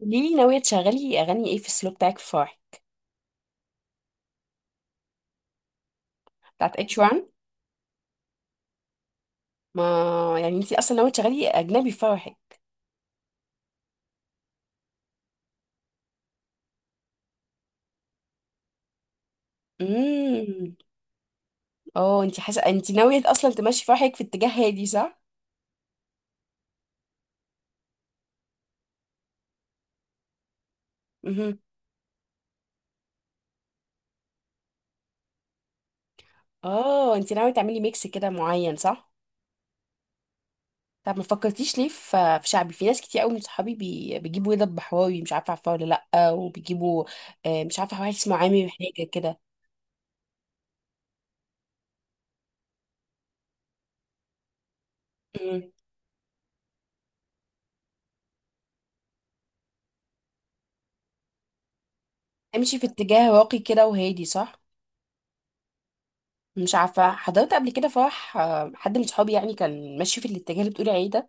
قوليلي ناوية تشغلي أغاني إيه في السلو بتاعك في فرحك؟ بتاعت اتشوان. ما يعني انتي أصلا ناوية تشغلي أجنبي في فرحك؟ امم. اه انتي حاسة انتي ناوية أصلا تمشي فرحك في اتجاه هادي صح؟ امم. اه انتي ناوية تعملي ميكس كده معين صح؟ طب ما فكرتيش ليه في شعبي في ناس كتير قوي من صحابي بيجيبوا رضا البحراوي مش عارفة عارفاه ولا؟ لأ وبيجيبوا. آه، مش عارفة واحد اسمه عامر حاجة كده. امم. امشي في اتجاه راقي كده وهادي صح؟ مش عارفة حضرت قبل كده فرح آه، حد من صحابي يعني كان ماشي في الاتجاه اللي بتقولي عليه ده؟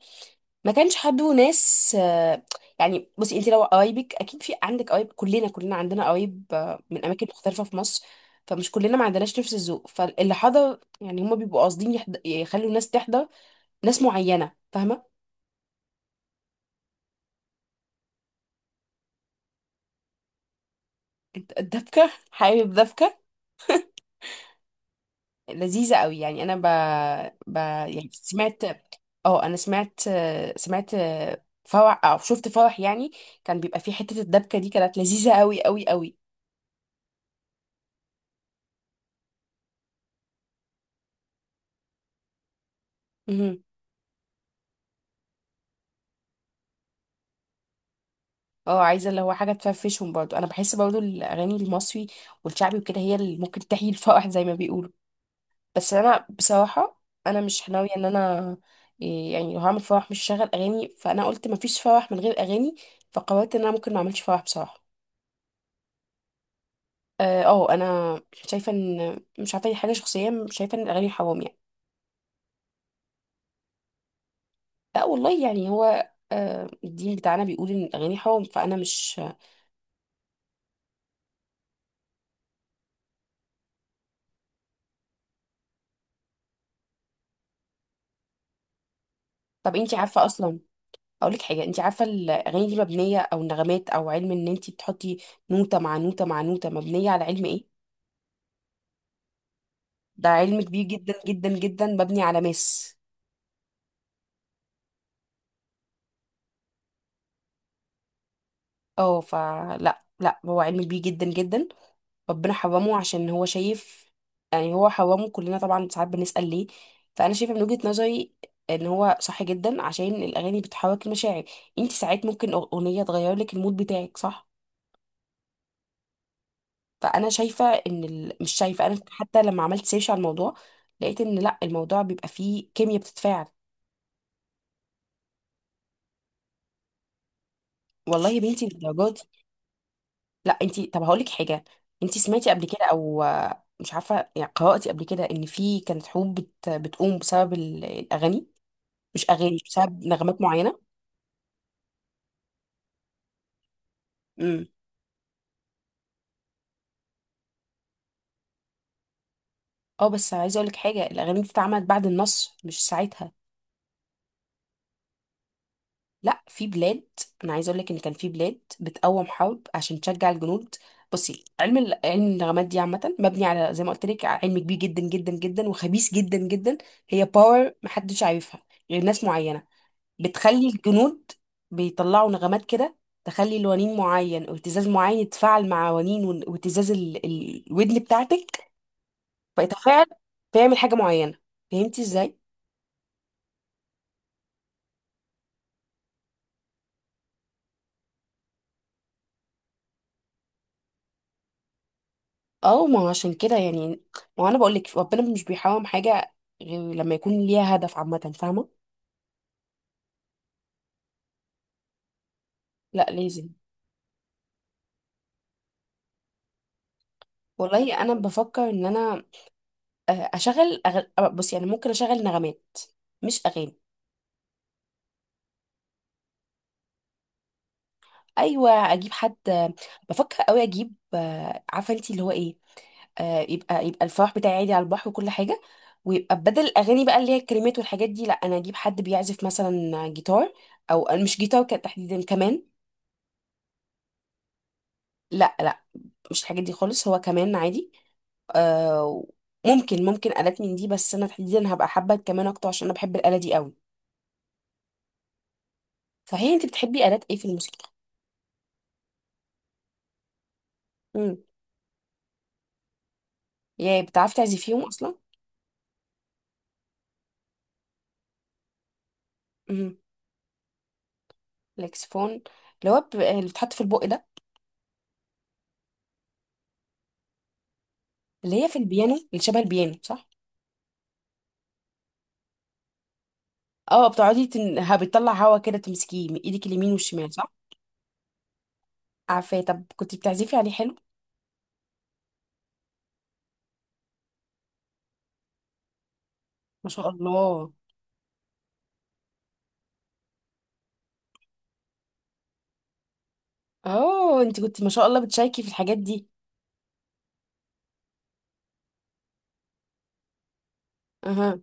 ما كانش حد وناس آه، يعني بصي انت لو قرايبك اكيد في عندك قرايب كلنا كلنا عندنا قرايب آه، من اماكن مختلفة في مصر. فمش كلنا ما عندناش نفس الذوق فاللي حضر يعني هما بيبقوا قاصدين يخلوا الناس تحضر ناس معينة فاهمة. انت الدبكة حابب دبكة لذيذة قوي يعني انا ب... يعني سمعت. اه انا سمعت سمعت فرح او شفت فرح يعني كان بيبقى فيه حتة الدبكة دي كانت لذيذة قوي قوي قوي. مهم. اه عايزة اللي هو حاجة تفرفشهم برضو انا بحس برضو الاغاني المصري والشعبي وكده هي اللي ممكن تحيي الفرح زي ما بيقولوا. بس انا بصراحة انا مش ناوية ان انا إيه يعني لو هعمل فرح مش هشغل اغاني فانا قلت مفيش فرح من غير اغاني. فقررت ان انا ممكن ما اعملش فرح بصراحة. اه آه، انا شايفه ان مش عارفه دي حاجه شخصيه شايفه ان الاغاني حرام يعني. لا والله يعني هو آه، الدين بتاعنا بيقول ان الاغاني حرام فانا مش. طب انتي عارفه اصلا اقول لك حاجه، انتي عارفه الاغاني دي مبنيه او نغمات او علم ان انتي بتحطي نوته مع نوته مع نوته مبنيه على علم ايه؟ ده علم كبير جدا جدا جدا مبني على ماس. اه فلا لا هو علم كبير جدا جدا. ربنا حرمه عشان هو شايف. يعني هو حرمه كلنا طبعا ساعات بنسأل ليه. فأنا شايفة من وجهة نظري إن هو صح جدا عشان الأغاني بتحرك المشاعر. انت ساعات ممكن أغنية تغير لك المود بتاعك صح. فأنا شايفة مش شايفة أنا حتى لما عملت سيرش على الموضوع لقيت إن لأ الموضوع بيبقى فيه كيمياء بتتفاعل. والله يا بنتي للدرجات دي؟ لأ انت طب هقولك حاجة، انت سمعتي قبل كده أو مش عارفة يعني قرأتي قبل كده إن في كانت حروب بتقوم بسبب الأغاني؟ مش اغاني مش بسبب نغمات معينه. امم. اه بس عايزه اقول لك حاجه الاغاني دي اتعملت بعد النصر مش ساعتها. لا في بلاد. انا عايزه اقول لك ان كان في بلاد بتقوم حرب عشان تشجع الجنود. بصي علم علم النغمات دي عامه مبني على زي ما قلت لك علم كبير جدا جدا جدا وخبيث جدا جدا. هي باور محدش عارفها غير ناس معينه بتخلي الجنود بيطلعوا نغمات كده تخلي لونين معين او اهتزاز معين يتفاعل مع ونين واهتزاز الودن بتاعتك فيتفاعل فيعمل حاجه معينه. فهمتي ازاي؟ اه ما هو عشان كده يعني. ما هو انا بقول لك ربنا مش بيحرم حاجه غير لما يكون ليها هدف عامه فاهمه. لا لازم. والله انا بفكر ان انا آه، اشغل آه، بص يعني ممكن اشغل نغمات مش اغاني. ايوه اجيب حد آه، بفكر قوي اجيب آه، عارفه انت اللي هو ايه، آه، يبقى الفرح بتاعي عادي على البحر وكل حاجه ويبقى بدل الاغاني بقى اللي هي الكلمات والحاجات دي لا انا اجيب حد بيعزف مثلا جيتار او آه، مش جيتار كان تحديدا كمان. لا لا مش الحاجات دي خالص هو كمان عادي. آه. ممكن آلات من دي بس انا تحديدا هبقى حابة الكمان اكتر عشان انا بحب الآلة دي قوي. صحيح انت بتحبي آلات ايه في الموسيقى؟ امم. يا بتعرفي تعزفيهم اصلا؟ امم. الاكسفون. اللي هو اللي بتحط في البق ده. اللي هي في البيانو اللي شبه البيانو صح. اه بتقعدي بتطلع هوا كده تمسكيه من ايدك اليمين والشمال صح. عارفاه طب كنت بتعزفي عليه حلو. ما شاء الله. اه انت كنت ما شاء الله بتشاركي في الحاجات دي. اها.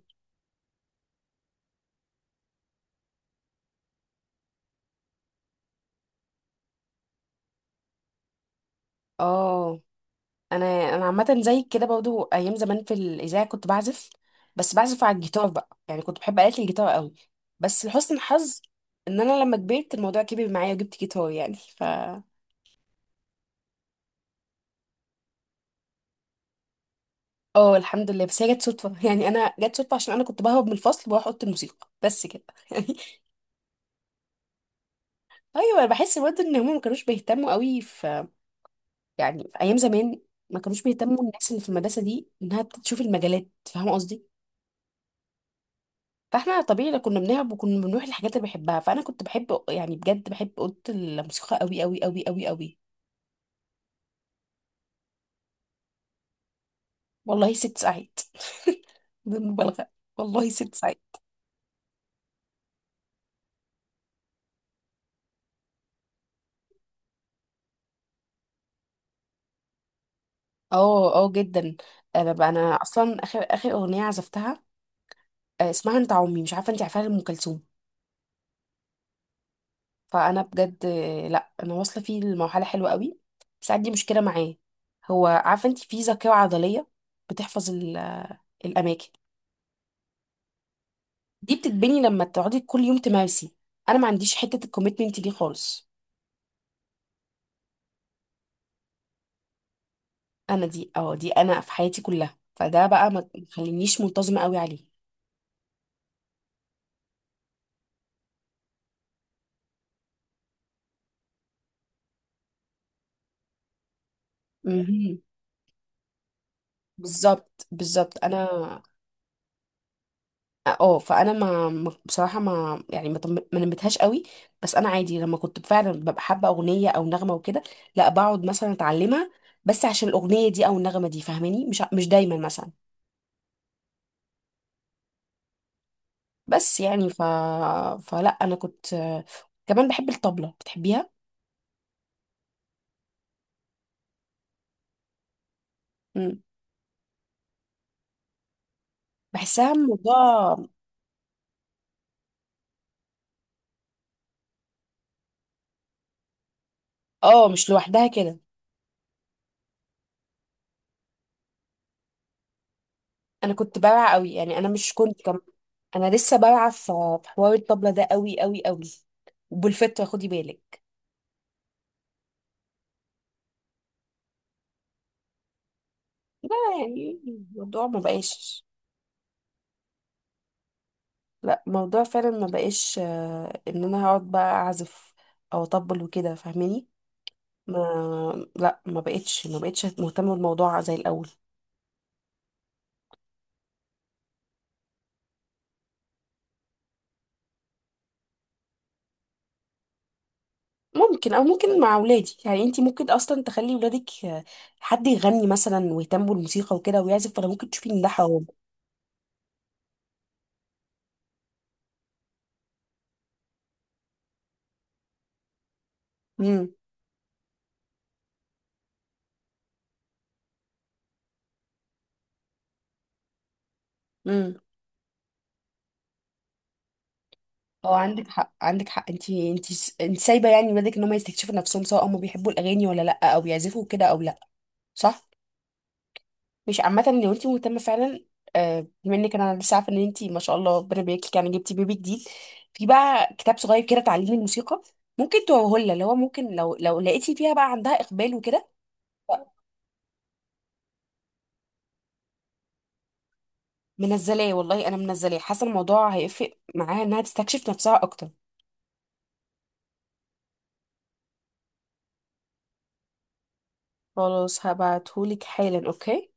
اه انا انا عامه زيك كده برضو ايام زمان في الاذاعه كنت بعزف بس بعزف على الجيتار بقى يعني كنت بحب آلة الجيتار قوي. بس لحسن الحظ ان انا لما كبرت الموضوع كبر معايا وجبت جيتار يعني ف. اه الحمد لله بس هي جت صدفه يعني انا جت صدفه عشان انا كنت بهرب من الفصل واروح اوضه الموسيقى بس كده يعني. ايوه انا بحس برضه ان هم ما كانوش بيهتموا قوي في، يعني في ايام زمان ما كانوش بيهتموا الناس اللي في المدرسه دي انها تشوف المجالات فاهمه قصدي. فاحنا طبيعي لو كنا بنلعب وكنا بنروح الحاجات اللي بحبها فانا كنت بحب يعني بجد بحب اوضه الموسيقى قوي قوي قوي قوي قوي. والله ست ساعات. بدون مبالغه. والله ست ساعات. اه اه جدا. انا بقى انا اصلا اخر اخر اغنيه عزفتها آه، اسمها انت عمي مش عارفه انت عارفاها لام كلثوم. فانا بجد آه، لا انا واصله فيه لمرحله حلوه قوي بس عندي مشكله معاه. هو عارفه انت في ذاكره عضليه بتحفظ الاماكن دي بتتبني لما تقعدي كل يوم تمارسي. انا ما عنديش حته الكوميتمنت دي خالص. انا دي اه دي انا في حياتي كلها فده بقى ما تخلينيش منتظمه قوي عليه. مهم. بالظبط بالظبط انا اه آه، فانا بصراحه ما يعني ما نمتهاش قوي. بس انا عادي لما كنت فعلا ببقى حابه اغنيه او نغمه وكده لا بقعد مثلا اتعلمها بس عشان الاغنيه دي او النغمه دي فاهماني مش دايما مثلا. بس يعني ف فلا انا كنت كمان بحب الطبله بتحبيها. بحسها الموضوع. اه مش لوحدها كده. انا كنت بارعة قوي يعني انا مش كنت انا لسه بارعة في حوار الطبلة ده قوي قوي قوي وبالفطرة خدي بالك. لا يعني الموضوع ما بقاش. لا الموضوع فعلا ما بقاش آه، ان انا هقعد بقى اعزف او اطبل وكده فاهماني. ما لا ما بقتش ما بقتش مهتمة بالموضوع زي الاول. ممكن او ممكن مع اولادي يعني انت ممكن اصلا تخلي ولادك آه، حد يغني مثلا ويهتموا بالموسيقى وكده ويعزف فانا ممكن تشوفي ان ده حرام. امم. امم. اه عندك حق عندك حق انت سايبه يعني ولادك ان هم يستكشفوا نفسهم سواء هم بيحبوا الاغاني ولا لا او بيعزفوا كده او لا صح. مش عامه لو انت مهتمه فعلا آه، بما انك انا لسه عارفه ان انت ما شاء الله ربنا يبارك لك يعني جبتي بيبي جديد. في بقى كتاب صغير كده تعليم الموسيقى ممكن توهولها اللي هو ممكن لو لقيتي فيها بقى عندها اقبال وكده. منزلاه والله انا منزلاه حاسه الموضوع هيفرق معاها انها تستكشف نفسها اكتر. خلاص هبعتهولك حالا اوكي.